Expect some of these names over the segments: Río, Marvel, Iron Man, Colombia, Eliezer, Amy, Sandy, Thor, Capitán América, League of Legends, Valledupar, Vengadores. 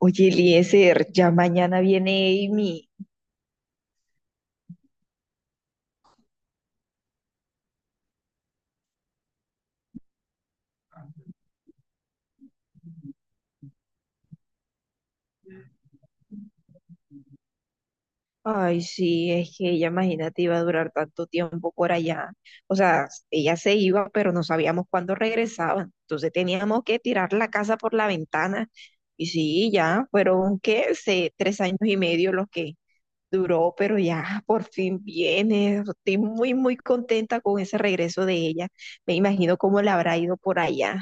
Oye, Eliezer, ya mañana viene Amy. Ay, sí, es que ella, imagínate, iba a durar tanto tiempo por allá. O sea, ella se iba, pero no sabíamos cuándo regresaban. Entonces teníamos que tirar la casa por la ventana. Y sí, ya fueron, ¿qué? 3 años y medio los que duró, pero ya por fin viene. Estoy muy, muy contenta con ese regreso de ella. Me imagino cómo le habrá ido por allá.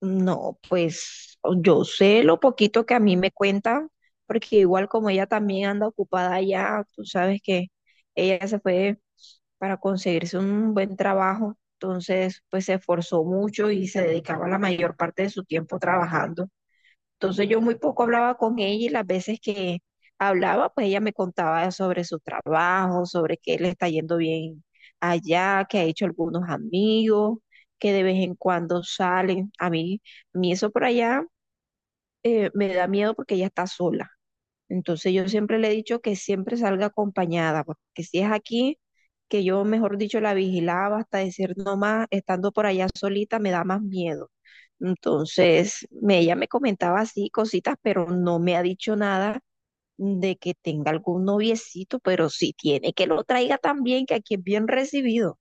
No, pues yo sé lo poquito que a mí me cuentan, porque igual como ella también anda ocupada allá, tú sabes que ella se fue para conseguirse un buen trabajo, entonces pues se esforzó mucho y se dedicaba la mayor parte de su tiempo trabajando. Entonces yo muy poco hablaba con ella y las veces que hablaba, pues ella me contaba sobre su trabajo, sobre que le está yendo bien allá, que ha hecho algunos amigos, que de vez en cuando salen. A mí eso por allá me da miedo porque ella está sola. Entonces yo siempre le he dicho que siempre salga acompañada, porque si es aquí, que yo, mejor dicho, la vigilaba hasta decir no más, estando por allá solita me da más miedo. Entonces, ella me comentaba así cositas, pero no me ha dicho nada de que tenga algún noviecito, pero si tiene, que lo traiga también, que aquí es bien recibido.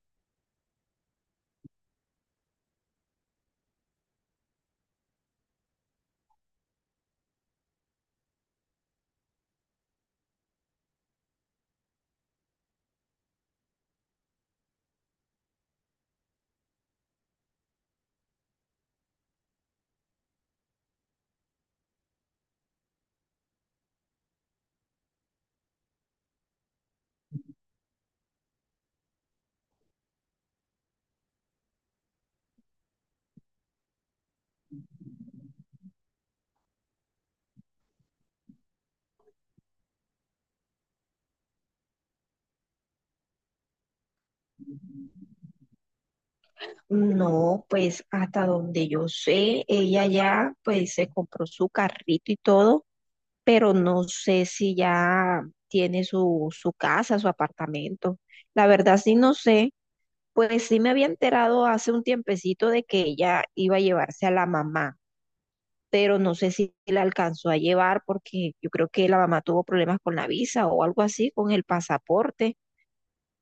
No, pues hasta donde yo sé, ella ya pues se compró su carrito y todo, pero no sé si ya tiene su casa, su apartamento. La verdad sí no sé, pues sí me había enterado hace un tiempecito de que ella iba a llevarse a la mamá, pero no sé si la alcanzó a llevar porque yo creo que la mamá tuvo problemas con la visa o algo así, con el pasaporte.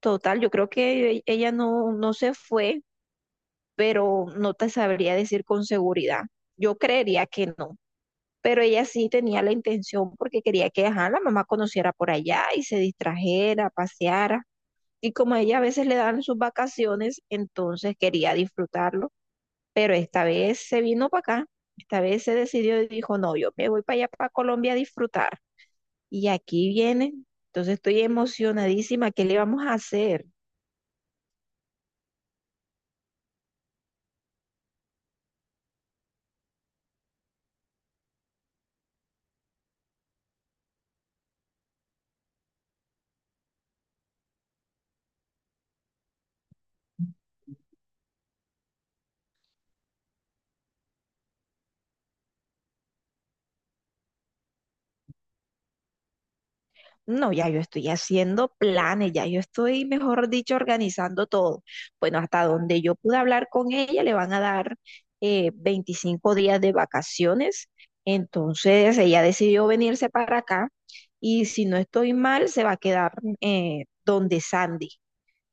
Total, yo creo que ella no, no se fue pero no te sabría decir con seguridad. Yo creería que no, pero ella sí tenía la intención porque quería que ajá, la mamá conociera por allá y se distrajera, paseara. Y como a ella a veces le dan sus vacaciones, entonces quería disfrutarlo, pero esta vez se vino para acá, esta vez se decidió y dijo, no, yo me voy para allá, para Colombia a disfrutar. Y aquí viene, entonces estoy emocionadísima, ¿qué le vamos a hacer? No, ya yo estoy haciendo planes, ya yo estoy, mejor dicho, organizando todo. Bueno, hasta donde yo pude hablar con ella, le van a dar 25 días de vacaciones. Entonces, ella decidió venirse para acá y si no estoy mal, se va a quedar donde Sandy,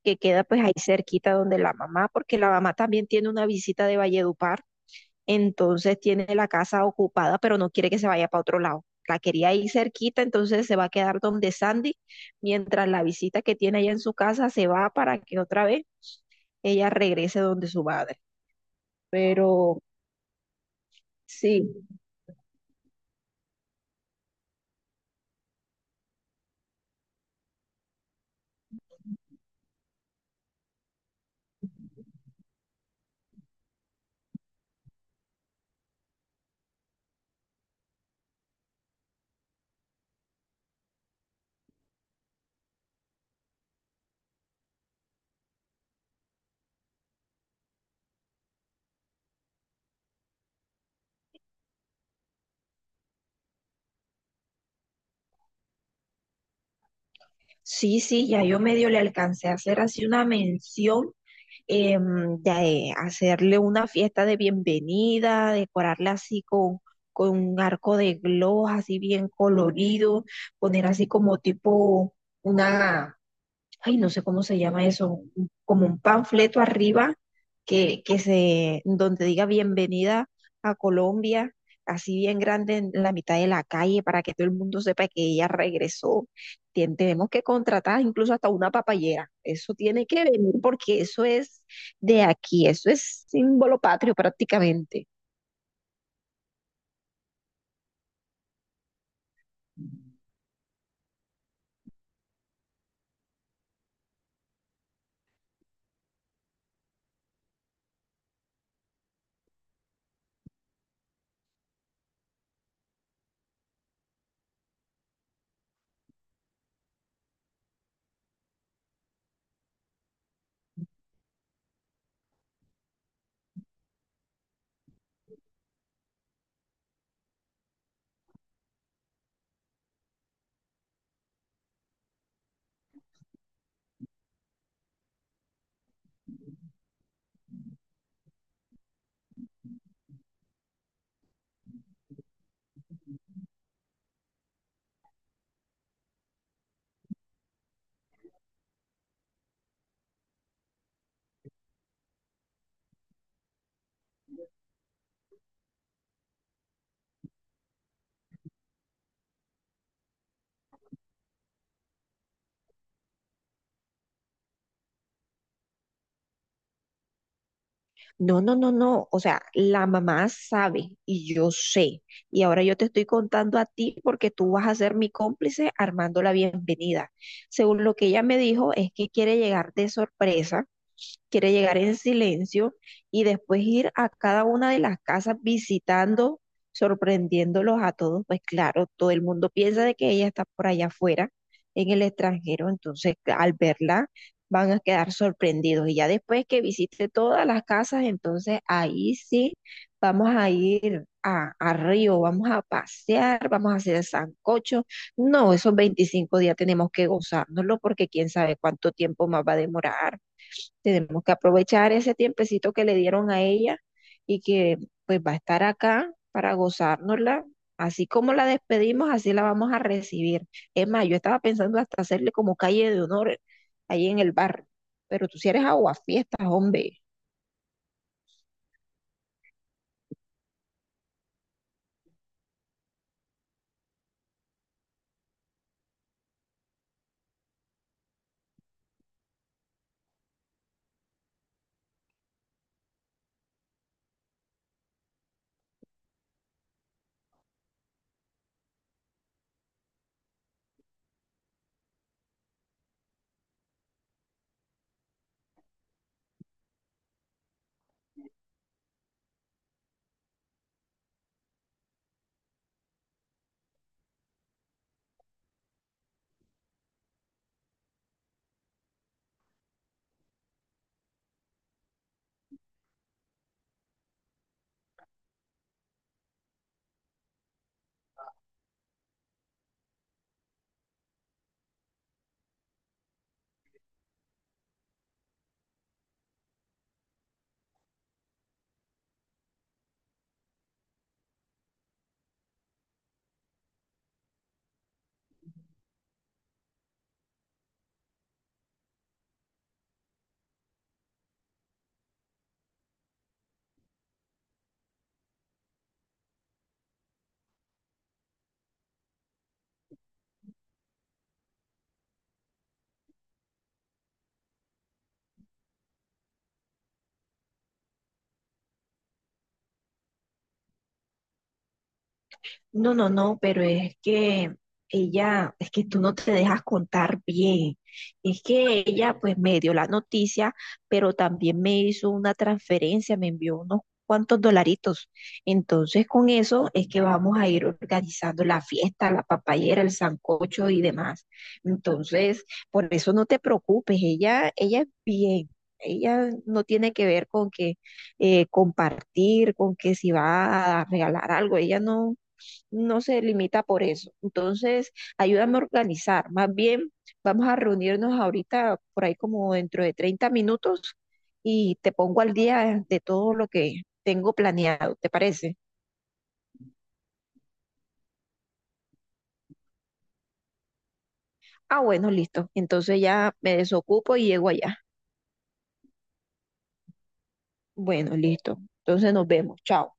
que queda pues ahí cerquita donde la mamá, porque la mamá también tiene una visita de Valledupar entonces tiene la casa ocupada, pero no quiere que se vaya para otro lado. La quería ir cerquita, entonces se va a quedar donde Sandy, mientras la visita que tiene allá en su casa se va para que otra vez ella regrese donde su madre. Pero sí, sí, sí, ya yo medio le alcancé a hacer así una mención de hacerle una fiesta de bienvenida, decorarla así con un arco de gloss así bien colorido, poner así como tipo una, ay, no sé cómo se llama eso, como un panfleto arriba que, donde diga bienvenida a Colombia, así bien grande en la mitad de la calle para que todo el mundo sepa que ella regresó. Tenemos que contratar incluso hasta una papayera. Eso tiene que venir porque eso es de aquí, eso es símbolo patrio prácticamente. No, no, no, no. O sea, la mamá sabe y yo sé. Y ahora yo te estoy contando a ti porque tú vas a ser mi cómplice armando la bienvenida. Según lo que ella me dijo, es que quiere llegar de sorpresa, quiere llegar en silencio y después ir a cada una de las casas visitando, sorprendiéndolos a todos. Pues claro, todo el mundo piensa de que ella está por allá afuera, en el extranjero. Entonces, al verla van a quedar sorprendidos. Y ya después que visite todas las casas, entonces ahí sí vamos a ir a Río, vamos a pasear, vamos a hacer sancocho. No, esos 25 días tenemos que gozárnoslo porque quién sabe cuánto tiempo más va a demorar. Tenemos que aprovechar ese tiempecito que le dieron a ella y que pues va a estar acá para gozárnosla. Así como la despedimos, así la vamos a recibir. Es más, yo estaba pensando hasta hacerle como calle de honor ahí en el bar, pero tú si eres aguafiestas, hombre. No, no, no, pero es que ella, es que tú no te dejas contar bien. Es que ella pues me dio la noticia, pero también me hizo una transferencia, me envió unos cuantos dolaritos. Entonces con eso es que vamos a ir organizando la fiesta, la papayera, el sancocho y demás. Entonces, por eso no te preocupes, ella es bien. Ella no tiene que ver con que compartir, con que si va a regalar algo, ella no, no se limita por eso. Entonces, ayúdame a organizar. Más bien, vamos a reunirnos ahorita por ahí como dentro de 30 minutos y te pongo al día de todo lo que tengo planeado, ¿te parece? Ah, bueno, listo. Entonces ya me desocupo y llego allá. Bueno, listo. Entonces nos vemos. Chao.